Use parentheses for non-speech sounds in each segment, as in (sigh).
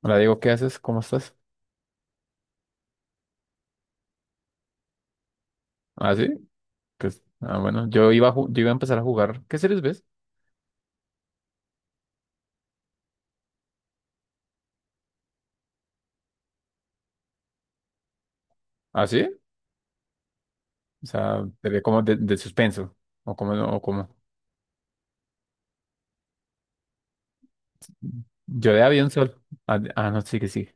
Hola Diego, ¿qué haces? ¿Cómo estás? ¿Ah, sí? Pues, bueno, yo iba a, yo iba a empezar a jugar. ¿Qué series ves? ¿Ah, sí? O sea, te ve como de suspenso. O como, no, o como. Yo de avión solo. Ah, no, sí que sí.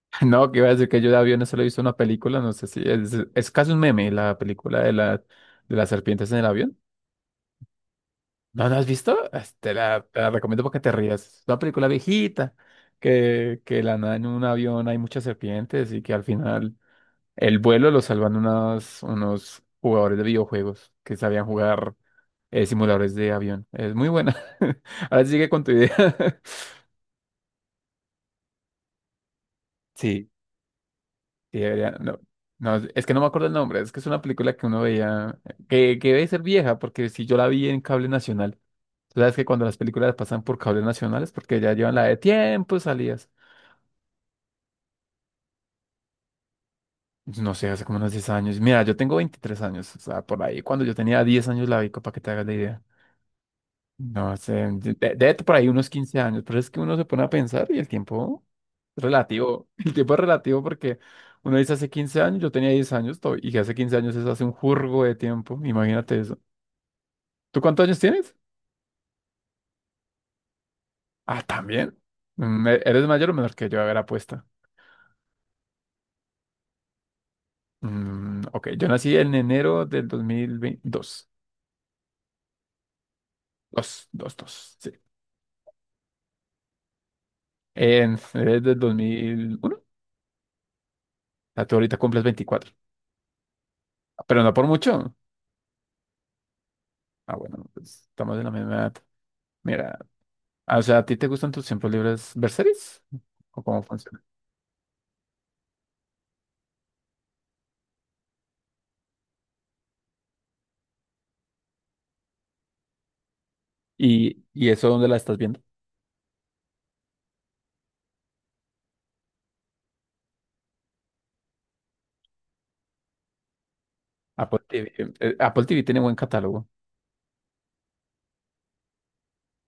(laughs) No, que iba a decir que yo de avión solo he visto una película, no sé si es casi un meme, la película de de las serpientes en el avión. ¿No la has visto? Ah, te la recomiendo porque te rías. Es una película viejita, que de la nada en un avión hay muchas serpientes y que al final el vuelo lo salvan unos jugadores de videojuegos que sabían jugar simuladores de avión. Es muy buena. (laughs) Ahora sí sigue con tu idea. (laughs) Sí, sí, debería. No, no, es que no me acuerdo el nombre. Es que es una película que uno veía, que debe ser vieja, porque si yo la vi en cable nacional, tú sabes que cuando las películas pasan por cable nacional es porque ya llevan la de tiempo salidas. No sé, hace como unos 10 años. Mira, yo tengo 23 años. O sea, por ahí, cuando yo tenía 10 años la vi, para que te hagas la idea. No sé, de por ahí unos 15 años, pero es que uno se pone a pensar y el tiempo es relativo, (laughs) el tiempo es relativo porque uno dice hace 15 años, yo tenía 10 años y que hace 15 años es hace un jurgo de tiempo, imagínate eso. ¿Tú cuántos años tienes? Ah, también. Mm, ¿eres mayor o menor que yo? A ver, apuesta. Mm, ok, yo nací en enero del 2022. Dos, dos, dos, sí. En, eres del 2001. O sea, tú ahorita cumples 24, pero no por mucho. Ah, bueno, pues estamos en la misma edad. Mira. Ah, o sea, ¿a ti te gustan tus tiempos libres ver series? ¿O cómo funciona? Y eso dónde la estás viendo? Apple TV. Apple TV tiene buen catálogo.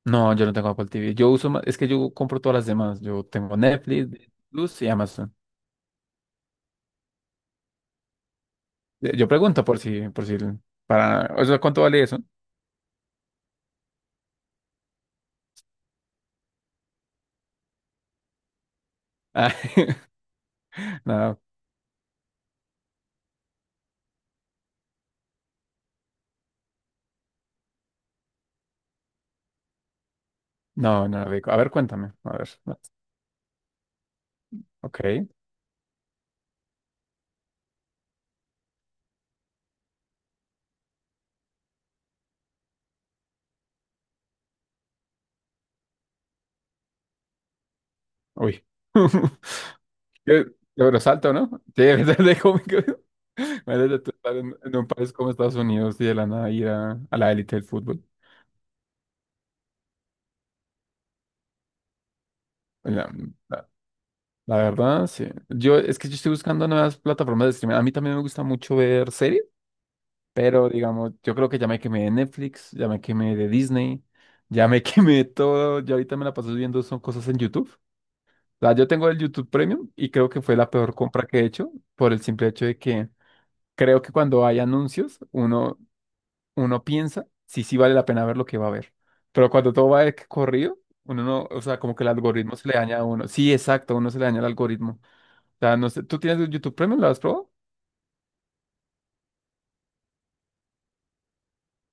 No, yo no tengo Apple TV. Yo uso más, es que yo compro todas las demás. Yo tengo Netflix, Disney Plus y Amazon. Yo pregunto por si, para, o sea, ¿cuánto vale eso? Ah, (laughs) no, no, rico. A ver, cuéntame. A ver, no, ok. Uy. (laughs) Qué qué bueno, salto, ¿no? Sí, (laughs) de cómo que... Imagínate tú estar en un país como Estados Unidos y de la nada ir a la élite del fútbol. La, la- la verdad, sí. Yo, es que yo estoy buscando nuevas plataformas de streaming. A mí también me gusta mucho ver series, pero digamos, yo creo que ya me quemé de Netflix, ya me quemé de Disney, ya me (laughs) quemé de todo. Yo ahorita me la paso viendo son cosas en YouTube. O sea, yo tengo el YouTube Premium y creo que fue la peor compra que he hecho por el simple hecho de que creo que cuando hay anuncios, uno piensa si sí vale la pena ver lo que va a ver. Pero cuando todo va de que corrido, uno no, o sea, como que el algoritmo se le daña a uno. Sí, exacto, uno se le daña el algoritmo. O sea, no sé, ¿tú tienes YouTube Premium? ¿Lo has probado?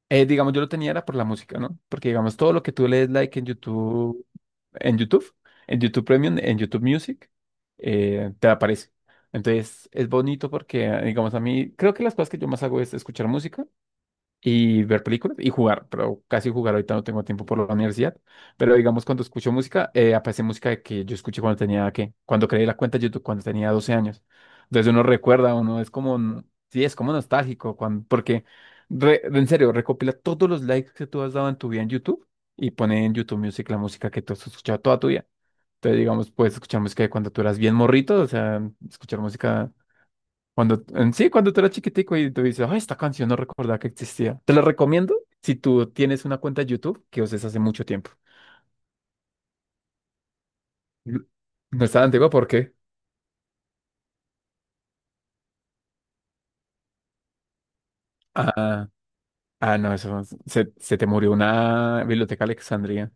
Digamos, yo lo tenía era por la música, ¿no? Porque digamos, todo lo que tú lees like en YouTube, en YouTube, en YouTube Premium, en YouTube Music, te aparece. Entonces, es bonito porque, digamos, a mí, creo que las cosas que yo más hago es escuchar música y ver películas y jugar, pero casi jugar ahorita no tengo tiempo por la universidad. Pero digamos, cuando escucho música, aparece música que yo escuché cuando tenía, ¿qué? Cuando creé la cuenta de YouTube, cuando tenía 12 años. Entonces uno recuerda, uno es como, sí, es como nostálgico, porque, en serio, recopila todos los likes que tú has dado en tu vida en YouTube y pone en YouTube Music la música que tú has escuchado toda tu vida. Entonces, digamos, puedes escuchar música de cuando tú eras bien morrito, o sea, escuchar música. Cuando, en sí, cuando tú eras chiquitico y tú dices, ay, esta canción no recordaba que existía. Te la recomiendo si tú tienes una cuenta de YouTube que uses hace mucho tiempo. N- No está antigua, ¿por qué? Ah, ah, no, eso se, se te murió una biblioteca Alexandria.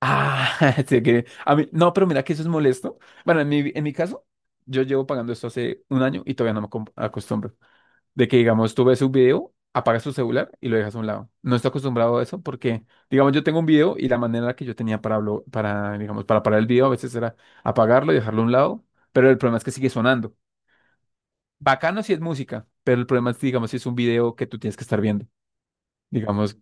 Ah, (laughs) sí, que a mí, no, pero mira que eso es molesto. Bueno, en mi caso, yo llevo pagando esto hace un año y todavía no me acostumbro. De que, digamos, tú ves un video, apagas tu celular y lo dejas a un lado. No estoy acostumbrado a eso porque, digamos, yo tengo un video y la manera que yo tenía para, para, digamos, para parar el video a veces era apagarlo y dejarlo a un lado, pero el problema es que sigue sonando. Bacano si es música, pero el problema es, digamos, si es un video que tú tienes que estar viendo. Digamos,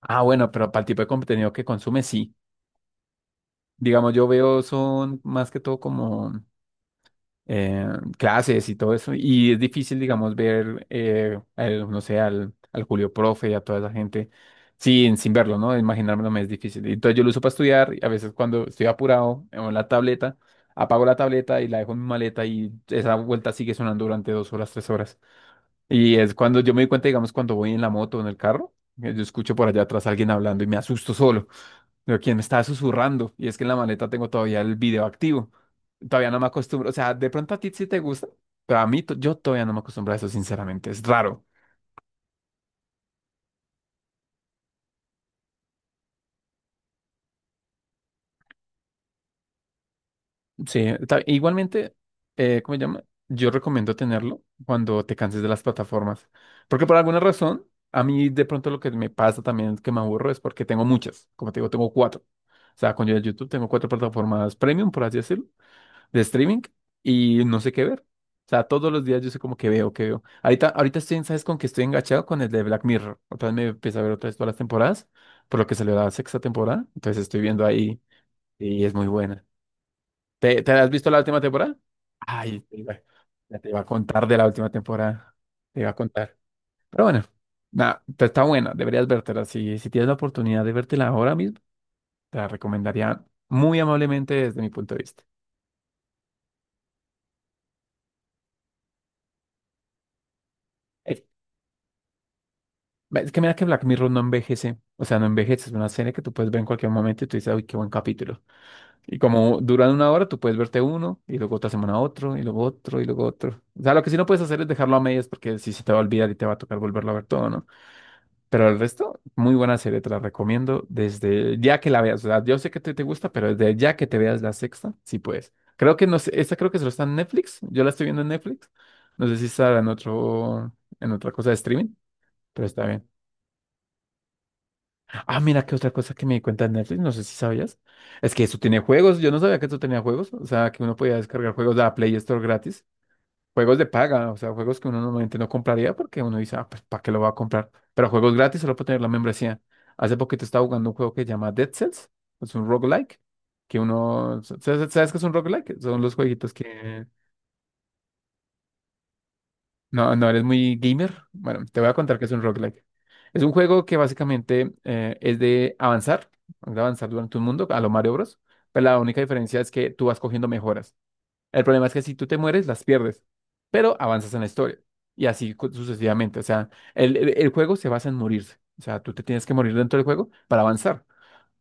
ah, bueno, pero para el tipo de contenido que consumes, sí. Digamos, yo veo son más que todo como eh, clases y todo eso, y es difícil, digamos, ver, al, no sé, al Julio Profe y a toda esa gente sin, sin verlo, ¿no? Imaginármelo me es difícil. Y entonces yo lo uso para estudiar, y a veces cuando estoy apurado en la tableta, apago la tableta y la dejo en mi maleta y esa vuelta sigue sonando durante 2 horas, 3 horas. Y es cuando yo me di cuenta, digamos, cuando voy en la moto o en el carro, que yo escucho por allá atrás a alguien hablando y me asusto solo. Pero quién me está susurrando, y es que en la maleta tengo todavía el video activo. Todavía no me acostumbro, o sea, de pronto a ti sí te gusta, pero a mí yo todavía no me acostumbro a eso, sinceramente, es raro. Sí, igualmente, ¿cómo se llama? Yo recomiendo tenerlo cuando te canses de las plataformas. Porque por alguna razón, a mí de pronto lo que me pasa también es que me aburro es porque tengo muchas. Como te digo, tengo cuatro. O sea, con YouTube tengo cuatro plataformas premium, por así decirlo, de streaming y no sé qué ver. O sea, todos los días yo sé como que veo, que veo. Ahorita, ahorita estoy, ¿sabes con que estoy enganchado? Con el de Black Mirror. Otra vez me empiezo a ver otra vez todas las temporadas, por lo que salió la sexta temporada. Entonces estoy viendo ahí y es muy buena. ¿Te, te has visto la última temporada? Ay, te iba, ya te iba a contar de la última temporada. Te iba a contar. Pero bueno, nada, está buena, deberías vértela. Si, si tienes la oportunidad de vértela ahora mismo, te la recomendaría muy amablemente desde mi punto de vista. Es, es que mira que Black Mirror no envejece. O sea, no envejece. Es una serie que tú puedes ver en cualquier momento y tú dices, uy, qué buen capítulo. Y como duran una hora, tú puedes verte uno y luego otra semana otro y luego otro y luego otro. O sea, lo que sí no puedes hacer es dejarlo a medias porque si se te va a olvidar y te va a tocar volverlo a ver todo, ¿no? Pero el resto, muy buena serie, te la recomiendo desde ya que la veas. O sea, yo sé que te gusta, pero desde ya que te veas la sexta, sí puedes. Creo que no sé, esta creo que solo está en Netflix. Yo la estoy viendo en Netflix. No sé si está en otro, en otra cosa de streaming, pero está bien. Ah, mira, qué otra cosa que me di cuenta en Netflix, no sé si sabías. Es que eso tiene juegos. Yo no sabía que eso tenía juegos. O sea, que uno podía descargar juegos de la Play Store gratis. Juegos de paga, o sea, juegos que uno normalmente no compraría porque uno dice, ah, pues, ¿para qué lo va a comprar? Pero juegos gratis solo por tener la membresía. Hace poquito estaba jugando un juego que se llama Dead Cells, es un roguelike, que uno, ¿sabes, sabes qué es un roguelike? Son los jueguitos que, no, no eres muy gamer. Bueno, te voy a contar qué es un roguelike. Es un juego que básicamente es de avanzar durante un mundo a lo Mario Bros. Pero la única diferencia es que tú vas cogiendo mejoras. El problema es que si tú te mueres, las pierdes, pero avanzas en la historia. Y así sucesivamente. O sea, el juego se basa en morirse. O sea, tú te tienes que morir dentro del juego para avanzar.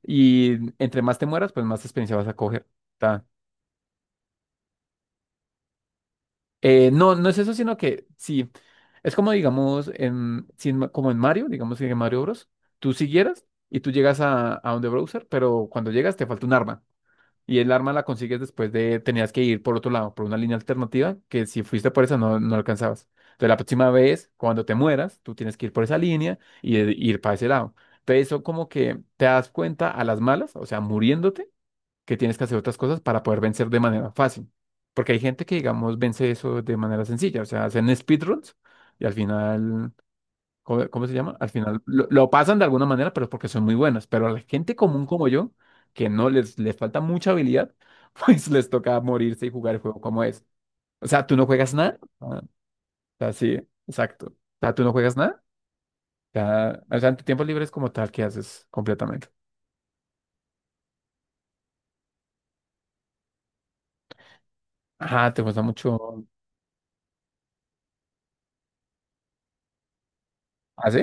Y entre más te mueras, pues más experiencia vas a coger. Ta. No, no es eso, sino que sí. Es como, digamos, en, si en como en Mario, digamos que en Mario Bros. Tú siguieras y tú llegas a donde browser, pero cuando llegas te falta un arma. Y el arma la consigues después de, tenías que ir por otro lado, por una línea alternativa, que si fuiste por esa no, no alcanzabas. Entonces la próxima vez, cuando te mueras, tú tienes que ir por esa línea y ir para ese lado. Entonces eso como que te das cuenta a las malas, o sea, muriéndote, que tienes que hacer otras cosas para poder vencer de manera fácil. Porque hay gente que, digamos, vence eso de manera sencilla, o sea, hacen speedruns y al final ¿cómo, cómo se llama? Al final lo pasan de alguna manera, pero es porque son muy buenas. Pero a la gente común como yo, que no les, les falta mucha habilidad, (laughs) pues les toca morirse y jugar el juego como es. O sea, tú no juegas nada. Ah, o sea, sí, exacto. O sea, tú no juegas nada. O sea, en tu tiempo libre es como tal que haces completamente. Ajá, te gusta mucho. ¿Ah, sí?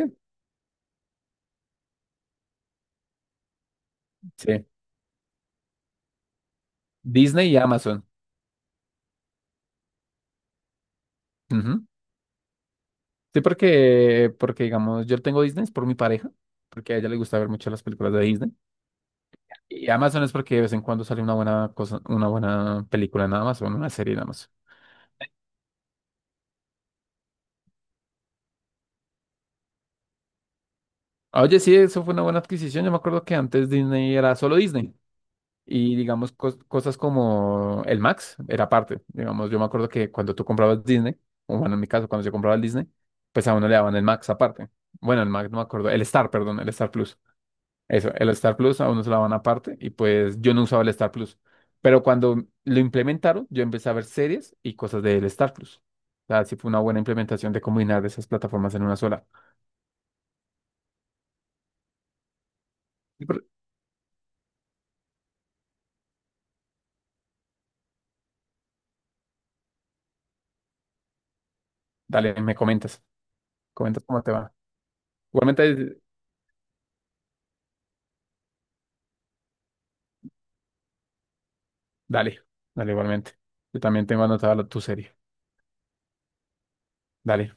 Sí. Disney y Amazon. Ujú. Sí, porque, porque digamos, yo tengo Disney es por mi pareja, porque a ella le gusta ver mucho las películas de Disney. Y Amazon es porque de vez en cuando sale una buena cosa, una buena película nada más, o una serie nada más. Oye, sí, eso fue una buena adquisición. Yo me acuerdo que antes Disney era solo Disney. Y digamos, cosas como el Max era aparte. Digamos, yo me acuerdo que cuando tú comprabas Disney, o bueno, en mi caso, cuando yo compraba el Disney, pues a uno le daban el Max aparte. Bueno, el Max no me acuerdo, el Star, perdón, el Star Plus. Eso, el Star Plus a uno se la van aparte y pues yo no usaba el Star Plus. Pero cuando lo implementaron, yo empecé a ver series y cosas del Star Plus. O sea, sí fue una buena implementación de combinar esas plataformas en una sola. Y por- Dale, me comentas. Comentas cómo te va. Igualmente, dale, dale, igualmente. Yo también tengo anotada tu serie. Dale.